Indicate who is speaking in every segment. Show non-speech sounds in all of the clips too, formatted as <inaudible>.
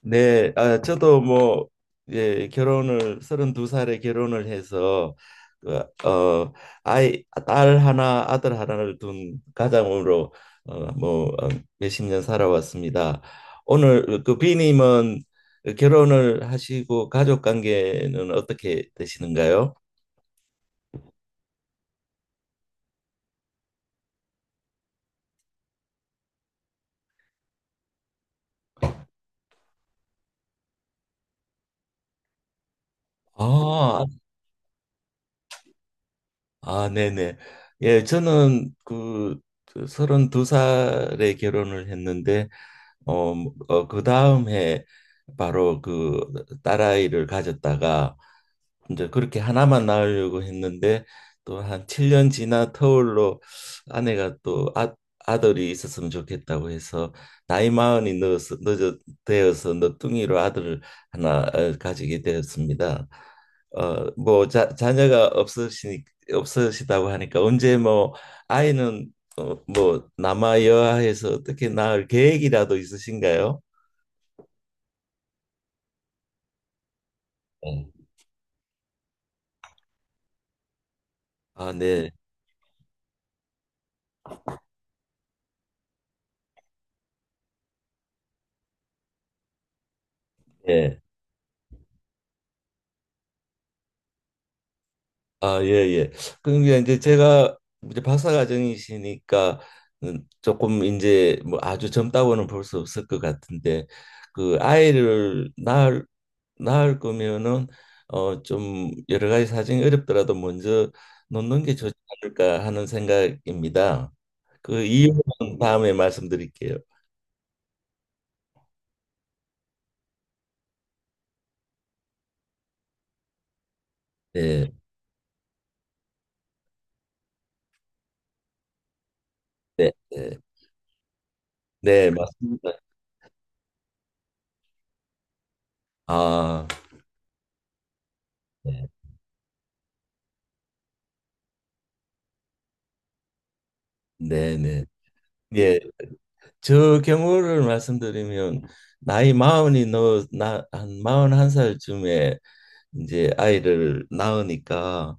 Speaker 1: 네, 아, 저도 뭐, 예, 결혼을, 32살에 결혼을 해서, 그, 어, 아이, 딸 하나, 아들 하나를 둔 가장으로, 뭐, 몇십 년 살아왔습니다. 오늘 그 비님은 결혼을 하시고 가족 관계는 어떻게 되시는가요? 아, 아, 네네. 예, 저는 그 32살에 결혼을 했는데, 뭐, 그 다음 해 바로 그 딸아이를 가졌다가 이제 그렇게 하나만 낳으려고 했는데 또 한 7년 지나 터울로 아내가 또 아들이 있었으면 좋겠다고 해서 나이 마흔이 넣어서 늦어 되어서 너뚱이로 아들을 하나 가지게 되었습니다. 뭐 자녀가 없으시니 없으시다고 하니까 언제 뭐 아이는 뭐 남아 여아해서 어떻게 낳을 계획이라도 있으신가요? 네. 아, 네. 예. 아, 예, 예. 그러니까 이제 제가 이제 박사과정이시니까 조금 이제 뭐 아주 젊다고는 볼 수 없을 것 같은데 그 아이를 낳을 거면은 좀 여러 가지 사정이 어렵더라도 먼저 놓는 게 좋지 않을까 하는 생각입니다. 그 이유는 다음에 말씀드릴게요. 네, 네, 네, 네, 맞습니다. 아, 네, 네, 네. 예. 저 경우를 말씀드리면 나이 마흔이 너나한 마흔한 살쯤에 이제 아이를 낳으니까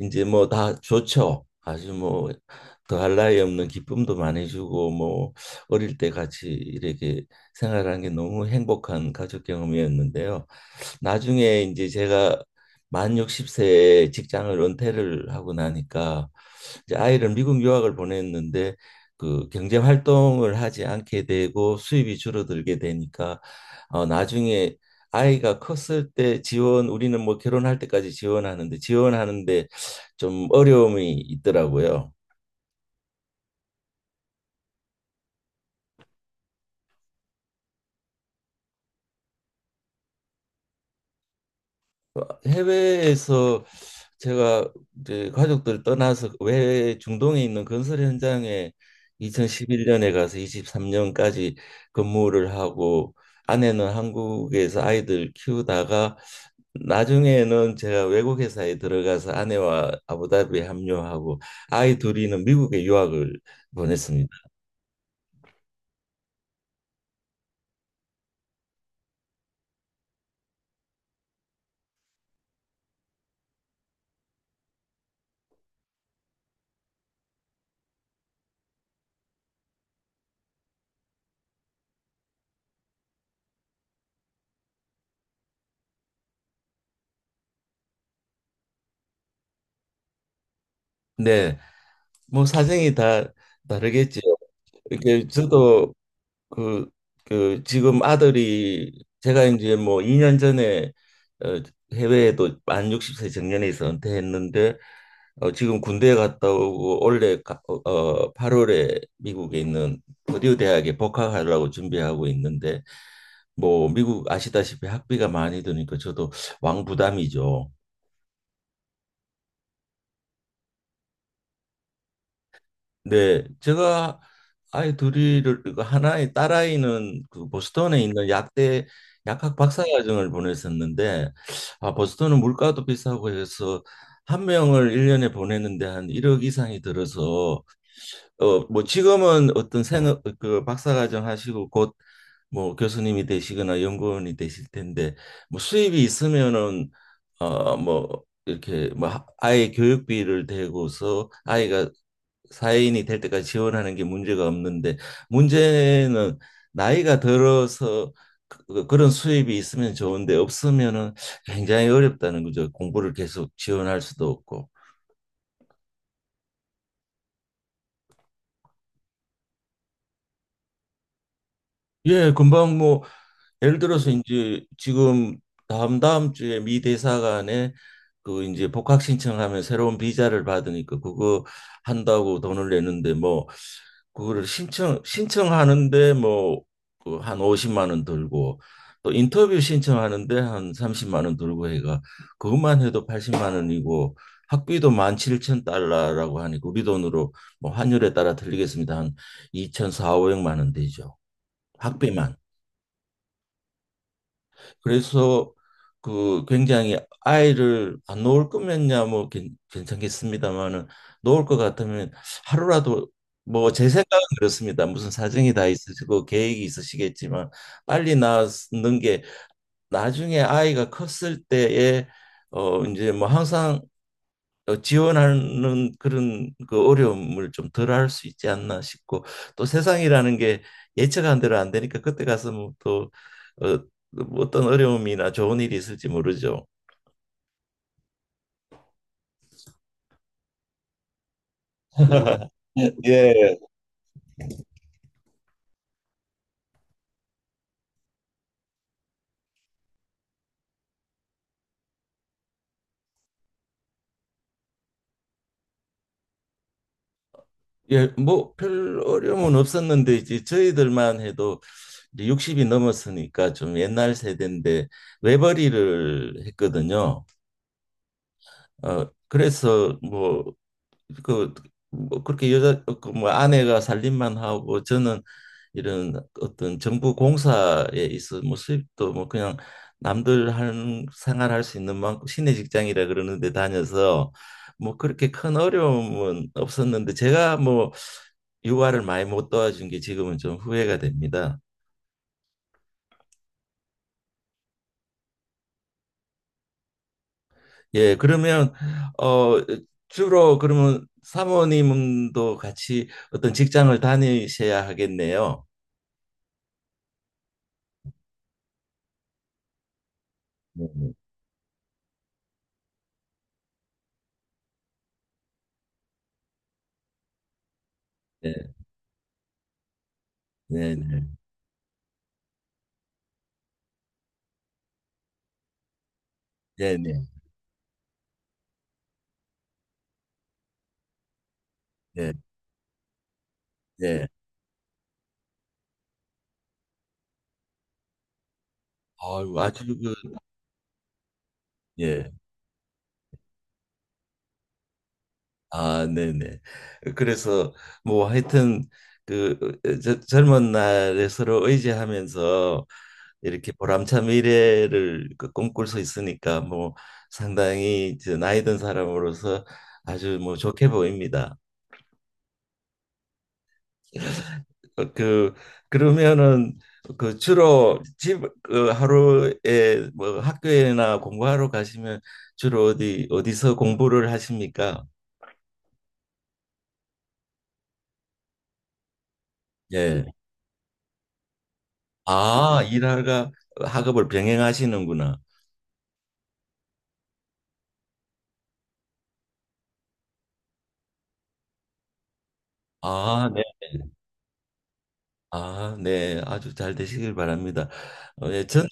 Speaker 1: 이제 뭐 다 좋죠. 아주 뭐 더할 나위 없는 기쁨도 많이 주고 뭐 어릴 때 같이 이렇게 생활한 게 너무 행복한 가족 경험이었는데요. 나중에 이제 제가 만 60세에 직장을 은퇴를 하고 나니까 이제 아이를 미국 유학을 보냈는데 그 경제 활동을 하지 않게 되고 수입이 줄어들게 되니까 나중에 아이가 컸을 때 지원 우리는 뭐 결혼할 때까지 지원하는데 좀 어려움이 있더라고요. 해외에서 제가 이제 가족들 떠나서 외 중동에 있는 건설 현장에 2011년에 가서 23년까지 근무를 하고 아내는 한국에서 아이들 키우다가 나중에는 제가 외국 회사에 들어가서 아내와 아부다비에 합류하고 아이 둘이는 미국에 유학을 보냈습니다. 네, 뭐 사정이 다 다르겠지요. 이게 저도 그, 그 지금 아들이 제가 이제 뭐 2년 전에 어, 해외에도 만 60세 정년에서 은퇴했는데 지금 군대에 갔다 오고 올해 8월에 미국에 있는 버디우 대학에 복학하려고 준비하고 있는데 뭐 미국 아시다시피 학비가 많이 드니까 저도 왕부담이죠. 네, 제가 아이 둘이를 그 하나의 딸아이는 그 보스턴에 있는 약대 약학 박사과정을 보냈었는데 아 보스턴은 물가도 비싸고 해서 한 명을 일년에 보내는데 한 1억 이상이 들어서 뭐 지금은 어떤 생업 그 박사과정 하시고 곧 뭐 교수님이 되시거나 연구원이 되실 텐데 뭐 수입이 있으면은 뭐 이렇게 뭐 아이 교육비를 대고서 아이가 사회인이 될 때까지 지원하는 게 문제가 없는데 문제는 나이가 들어서 그런 수입이 있으면 좋은데 없으면은 굉장히 어렵다는 거죠. 공부를 계속 지원할 수도 없고. 예, 금방 뭐 예를 들어서 이제 지금 다음 다음 주에 미 대사관에 그 이제 복학 신청하면 새로운 비자를 받으니까 그거 한다고 돈을 내는데 뭐 그거를 신청하는데 뭐한 50만 원 들고 또 인터뷰 신청하는데 한 30만 원 들고 해가 그것만 해도 80만 원이고 학비도 17,000달러라고 하니까 우리 돈으로 뭐 환율에 따라 틀리겠습니다. 한 2 4사0 500만 원 되죠. 학비만. 그래서 그 굉장히 아이를 안 놓을 거면야 뭐 괜찮겠습니다만은 놓을 것 같으면 하루라도 뭐 제 생각은 그렇습니다. 무슨 사정이 다 있으시고 계획이 있으시겠지만 빨리 낳는 게 나중에 아이가 컸을 때에 이제 뭐 항상 지원하는 그런 그 어려움을 좀 덜할 수 있지 않나 싶고 또 세상이라는 게 예측한 대로 안 되니까 그때 가서 뭐또 어, 뭐 어떤 어려움이나 좋은 일이 있을지 모르죠. <laughs> 예. 예, 뭐 별 어려움은 없었는데 이제 저희들만 해도 이제 60이 넘었으니까 좀 옛날 세대인데 외벌이를 했거든요. 그래서 뭐 그, 뭐 그렇게 뭐, 아내가 살림만 하고 저는 이런 어떤 정부 공사에 있어 뭐 수입도 뭐 그냥 남들 하는 생활할 수 있는 만큼 시내 직장이라 그러는데 다녀서 뭐 그렇게 큰 어려움은 없었는데 제가 뭐 육아를 많이 못 도와준 게 지금은 좀 후회가 됩니다. 예, 그러면 어 주로 그러면 사모님도 같이 어떤 직장을 다니셔야 하겠네요. 네. 네네. 네네. 네. 네. 아유, 아주 그 예. 아, 네네. 그래서 뭐 하여튼 그 젊은 날에 서로 의지하면서 이렇게 보람찬 미래를 그 꿈꿀 수 있으니까 뭐 상당히 이제 나이 든 사람으로서 아주 뭐 좋게 보입니다. 그 그러면은 그 주로 집 그 하루에 뭐 학교에나 공부하러 가시면 주로 어디 어디서 공부를 하십니까? 예. 아, 일하가 학업을 병행하시는구나. 아, 네. 아, 네. 아주 잘 되시길 바랍니다. 예, 저는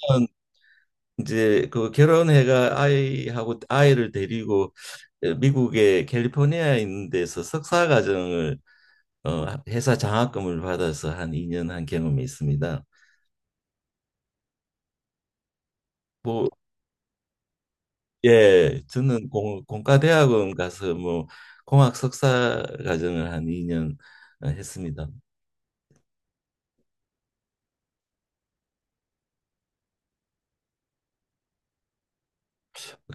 Speaker 1: 이제 그 결혼해가 아이하고 아이를 데리고 미국의 캘리포니아에 있는 데서 석사 과정을 어, 회사 장학금을 받아서 한 2년 한 경험이 있습니다. 뭐, 예, 저는 공과대학원 가서 뭐 공학 석사 과정을 한 2년 했습니다.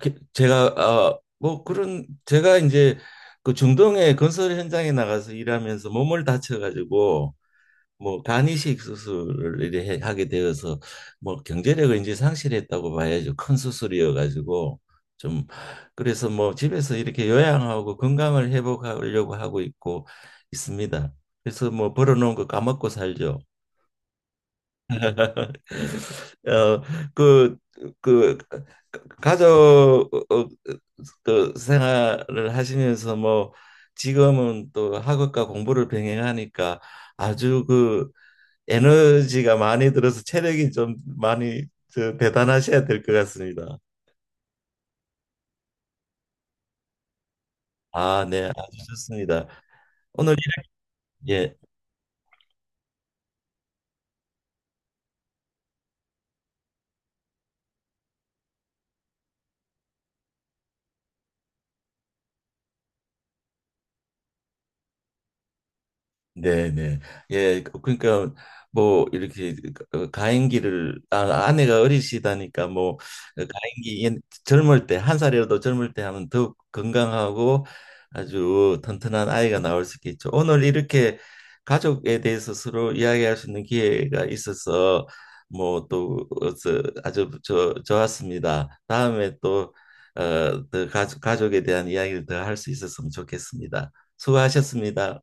Speaker 1: 제가 아, 뭐 그런 제가 이제 그 중동의 건설 현장에 나가서 일하면서 몸을 다쳐가지고 뭐 간이식 수술을 이래 하게 되어서 뭐 경제력을 이제 상실했다고 봐야죠. 큰 수술이어 가지고 좀 그래서 뭐 집에서 이렇게 요양하고 건강을 회복하려고 하고 있고 있습니다. 그래서 뭐 벌어놓은 거 까먹고 살죠. <laughs> 어, 그, 그 가족 어, 어, 그 생활을 하시면서 뭐 지금은 또 학업과 공부를 병행하니까 아주 그 에너지가 많이 들어서 체력이 좀 많이 대단하셔야 될 것 같습니다. 아, 네, 아주 좋습니다. 오늘 예. 네네. 예, 그러니까 뭐 이렇게 그 가임기를 아내가 어리시다니까 뭐 가임기 옛- 젊을 때 한 살이라도 젊을 때 하면 더욱 건강하고 아주 튼튼한 아이가 나올 수 있겠죠. 오늘 이렇게 가족에 대해서 서로 이야기할 수 있는 기회가 있어서 뭐 또 아주 좋았습니다. 다음에 또 더 가족에 대한 이야기를 더 할 수 있었으면 좋겠습니다. 수고하셨습니다.